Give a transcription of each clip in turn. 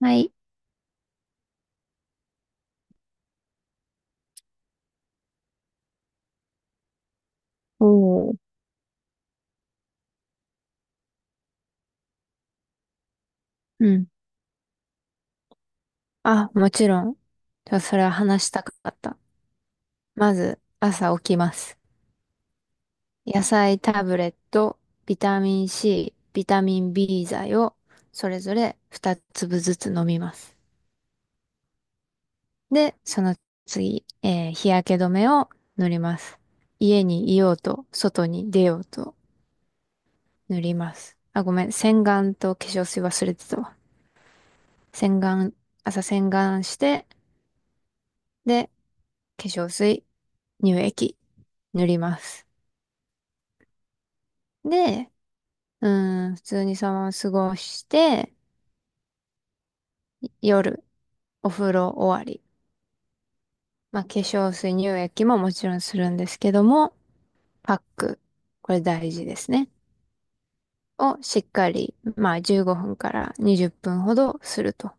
はい。おー。うん。あ、もちろん。じゃあそれは話したかった。まず、朝起きます。野菜タブレット、ビタミン C、ビタミン B 剤を、それぞれ2粒ずつ飲みます。で、その次、日焼け止めを塗ります。家にいようと、外に出ようと塗ります。あ、ごめん、洗顔と化粧水忘れてたわ。洗顔、朝洗顔して、で、化粧水、乳液、塗ります。で、普通にそのまま過ごして、夜、お風呂終わり。まあ、化粧水、乳液ももちろんするんですけども、パック、これ大事ですね。をしっかり、まあ、15分から20分ほどすると。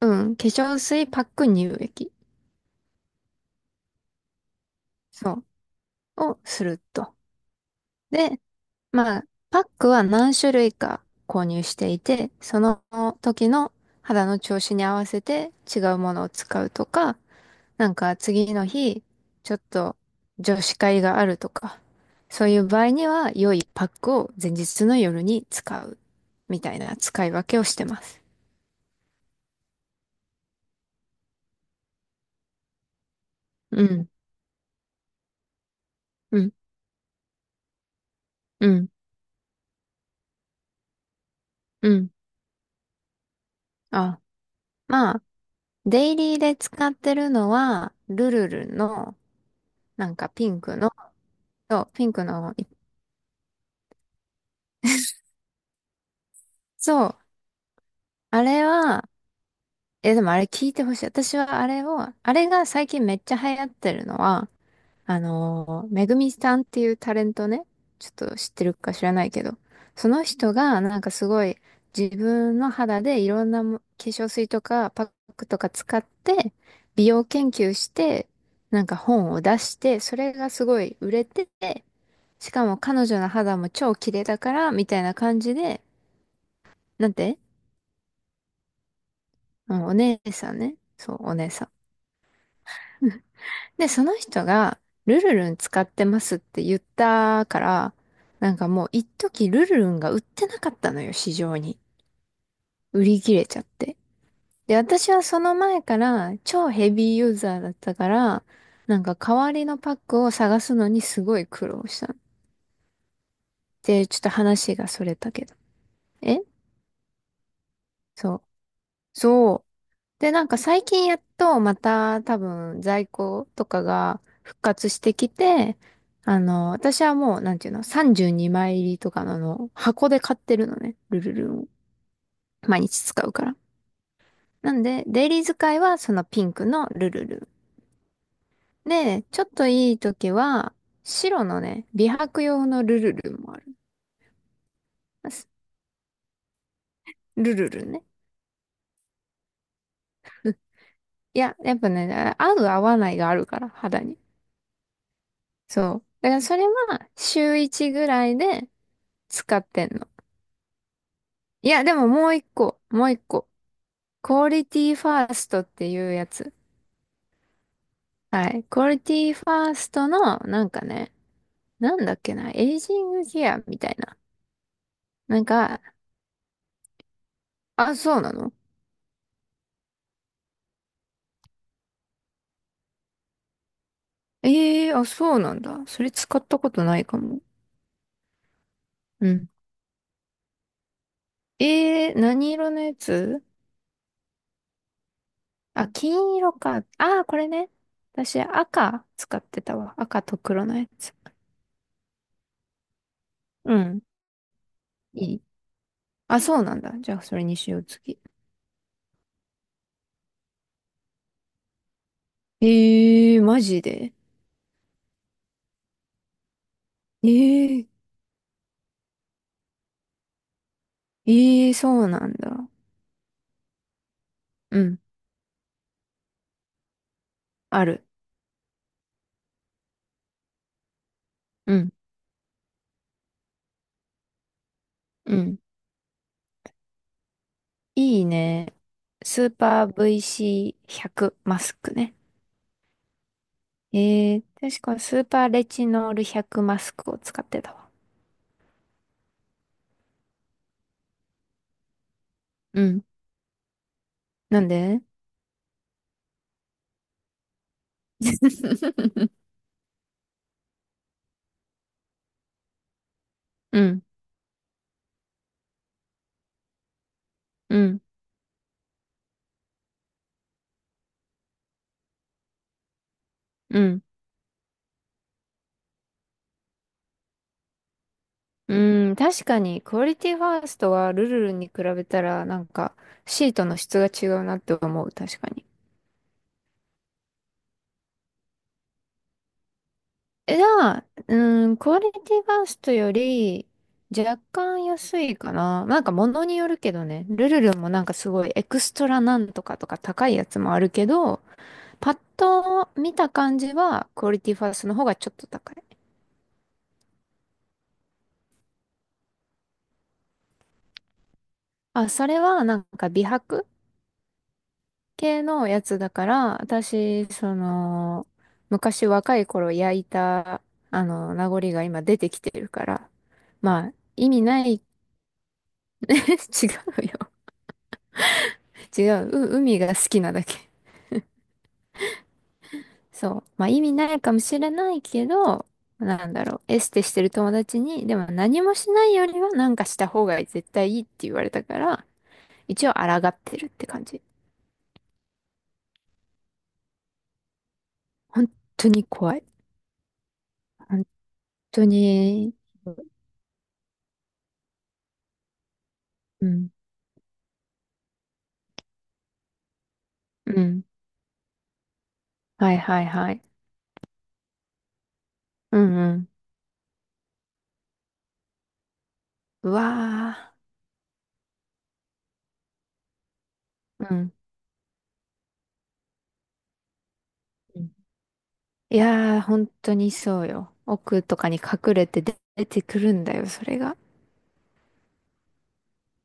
うん、化粧水、パック、乳液。そう、をすると。で、まあ、パックは何種類か購入していて、その時の肌の調子に合わせて違うものを使うとか、なんか次の日、ちょっと女子会があるとか、そういう場合には良いパックを前日の夜に使うみたいな使い分けをしてます。うん、うん、うん、うん。あ、まあ、デイリーで使ってるのは、ルルルの、なんかピンクの、そう、ピンクの、そうあれは、え、でもあれ聞いてほしい。私はあれを、あれが最近めっちゃ流行ってるのは、めぐみさんっていうタレントね、ちょっと知ってるか知らないけど、その人がなんかすごい自分の肌でいろんなも化粧水とかパックとか使って美容研究して、なんか本を出して、それがすごい売れてて、しかも彼女の肌も超綺麗だから、みたいな感じで、なんて、うん、お姉さんね。そう、お姉さん。で、その人が、ルルルン使ってますって言ったから、なんかもう一時ルルルンが売ってなかったのよ、市場に。売り切れちゃって。で、私はその前から超ヘビーユーザーだったから、なんか代わりのパックを探すのにすごい苦労したの。で、ちょっと話がそれたけど。えそう。そう。で、なんか最近やっとまた多分在庫とかが復活してきて、あの、私はもう、なんていうの、32枚入りとかの、あの箱で買ってるのね。ルルルンを。毎日使うから。なんで、デイリー使いはそのピンクのルルルン。で、ちょっといい時は、白のね、美白用のルルルンもある。ルルルンね。いや、やっぱね、合う合わないがあるから、肌に。そう。だからそれは週1ぐらいで使ってんの。いや、でももう一個、もう一個。クオリティファーストっていうやつ。はい。クオリティファーストの、なんかね、なんだっけな、エイジングケアみたいな。なんか、あ、そうなのええー、あ、そうなんだ。それ使ったことないかも。うん。ええー、何色のやつあ、金色か。ああ、これね。私、赤使ってたわ。赤と黒のやつ。うん。いい。あ、そうなんだ。じゃあ、それにしよう、次。ええー、マジで。ええーええ、そうなんだ。うん。ある。うん。うん。いいね。スーパー VC100 マスクね。ええ、確かスーパーレチノール100マスクを使ってたわ。うん。なんで うん。うん。うん。うん。確かに、クオリティファーストはルルルに比べたら、なんか、シートの質が違うなって思う。確かに。え、じゃあ、うん、クオリティファーストより若干安いかな。なんか物によるけどね、ルルルもなんかすごいエクストラなんとかとか高いやつもあるけど、パッと見た感じはクオリティファーストの方がちょっと高い。あ、それはなんか美白系のやつだから、私、その、昔若い頃焼いた、あの、名残が今出てきてるから、まあ、意味ない 違うよ。違う、う、海が好きなだけ。そう。まあ意味ないかもしれないけど、なんだろう、エステしてる友達に、でも何もしないよりはなんかした方が絶対いいって言われたから、一応抗ってるって感じ。本当に怖い。本当に、うん、うん。はいはいはい。うんうん。うわー。うん。うんいやー、本当にそうよ。奥とかに隠れて出てくるんだよ、それが。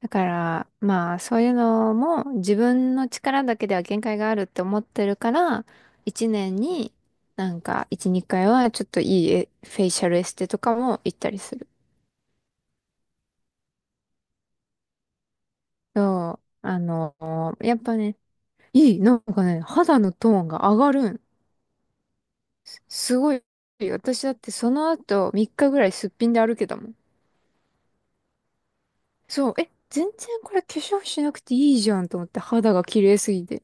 だから、まあ、そういうのも自分の力だけでは限界があるって思ってるから、一年になんか一、二回はちょっといいえフェイシャルエステとかも行ったりする。そう、あの、やっぱね、いい、なんかね、肌のトーンが上がるん。すごい。私だってその後3日ぐらいすっぴんで歩けたもん。そう、え、全然これ化粧しなくていいじゃんと思って肌が綺麗すぎて。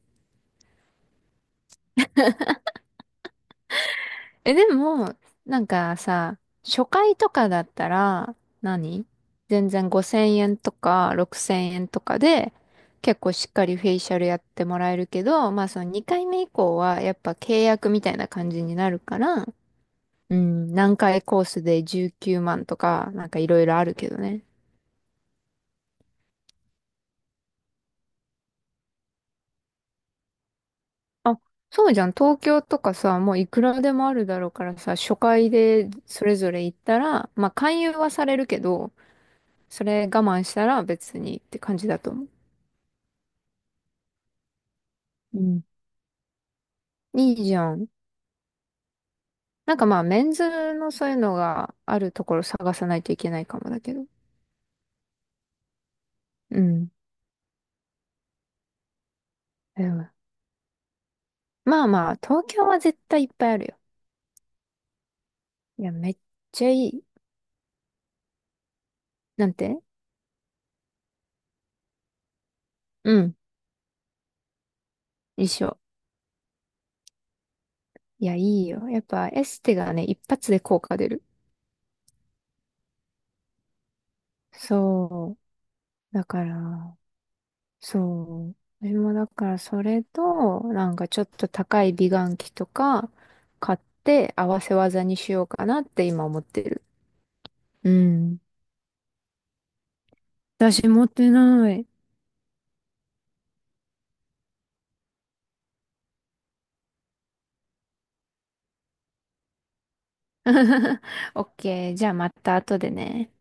え、でも、なんかさ、初回とかだったら何、全然5000円とか6000円とかで、結構しっかりフェイシャルやってもらえるけど、まあその2回目以降はやっぱ契約みたいな感じになるから、うん、何回コースで19万とか、なんかいろいろあるけどね。あ、そうじゃん。東京とかさ、もういくらでもあるだろうからさ、初回でそれぞれ行ったら、まあ勧誘はされるけど、それ我慢したら別にって感じだと思う。うん。いいじゃん。なんかまあ、メンズのそういうのがあるところ探さないといけないかもだけど。うん。でもまあまあ、東京は絶対いっぱいあるよ。いや、めっちゃいい。なんてうん。一緒。いや、いいよ。やっぱエステがね、一発で効果出る。そう。だから、そう。私もだからそれと、なんかちょっと高い美顔器とか買って合わせ技にしようかなって今思ってる。うん。私持ってない。オッケー。じゃあまた後でね。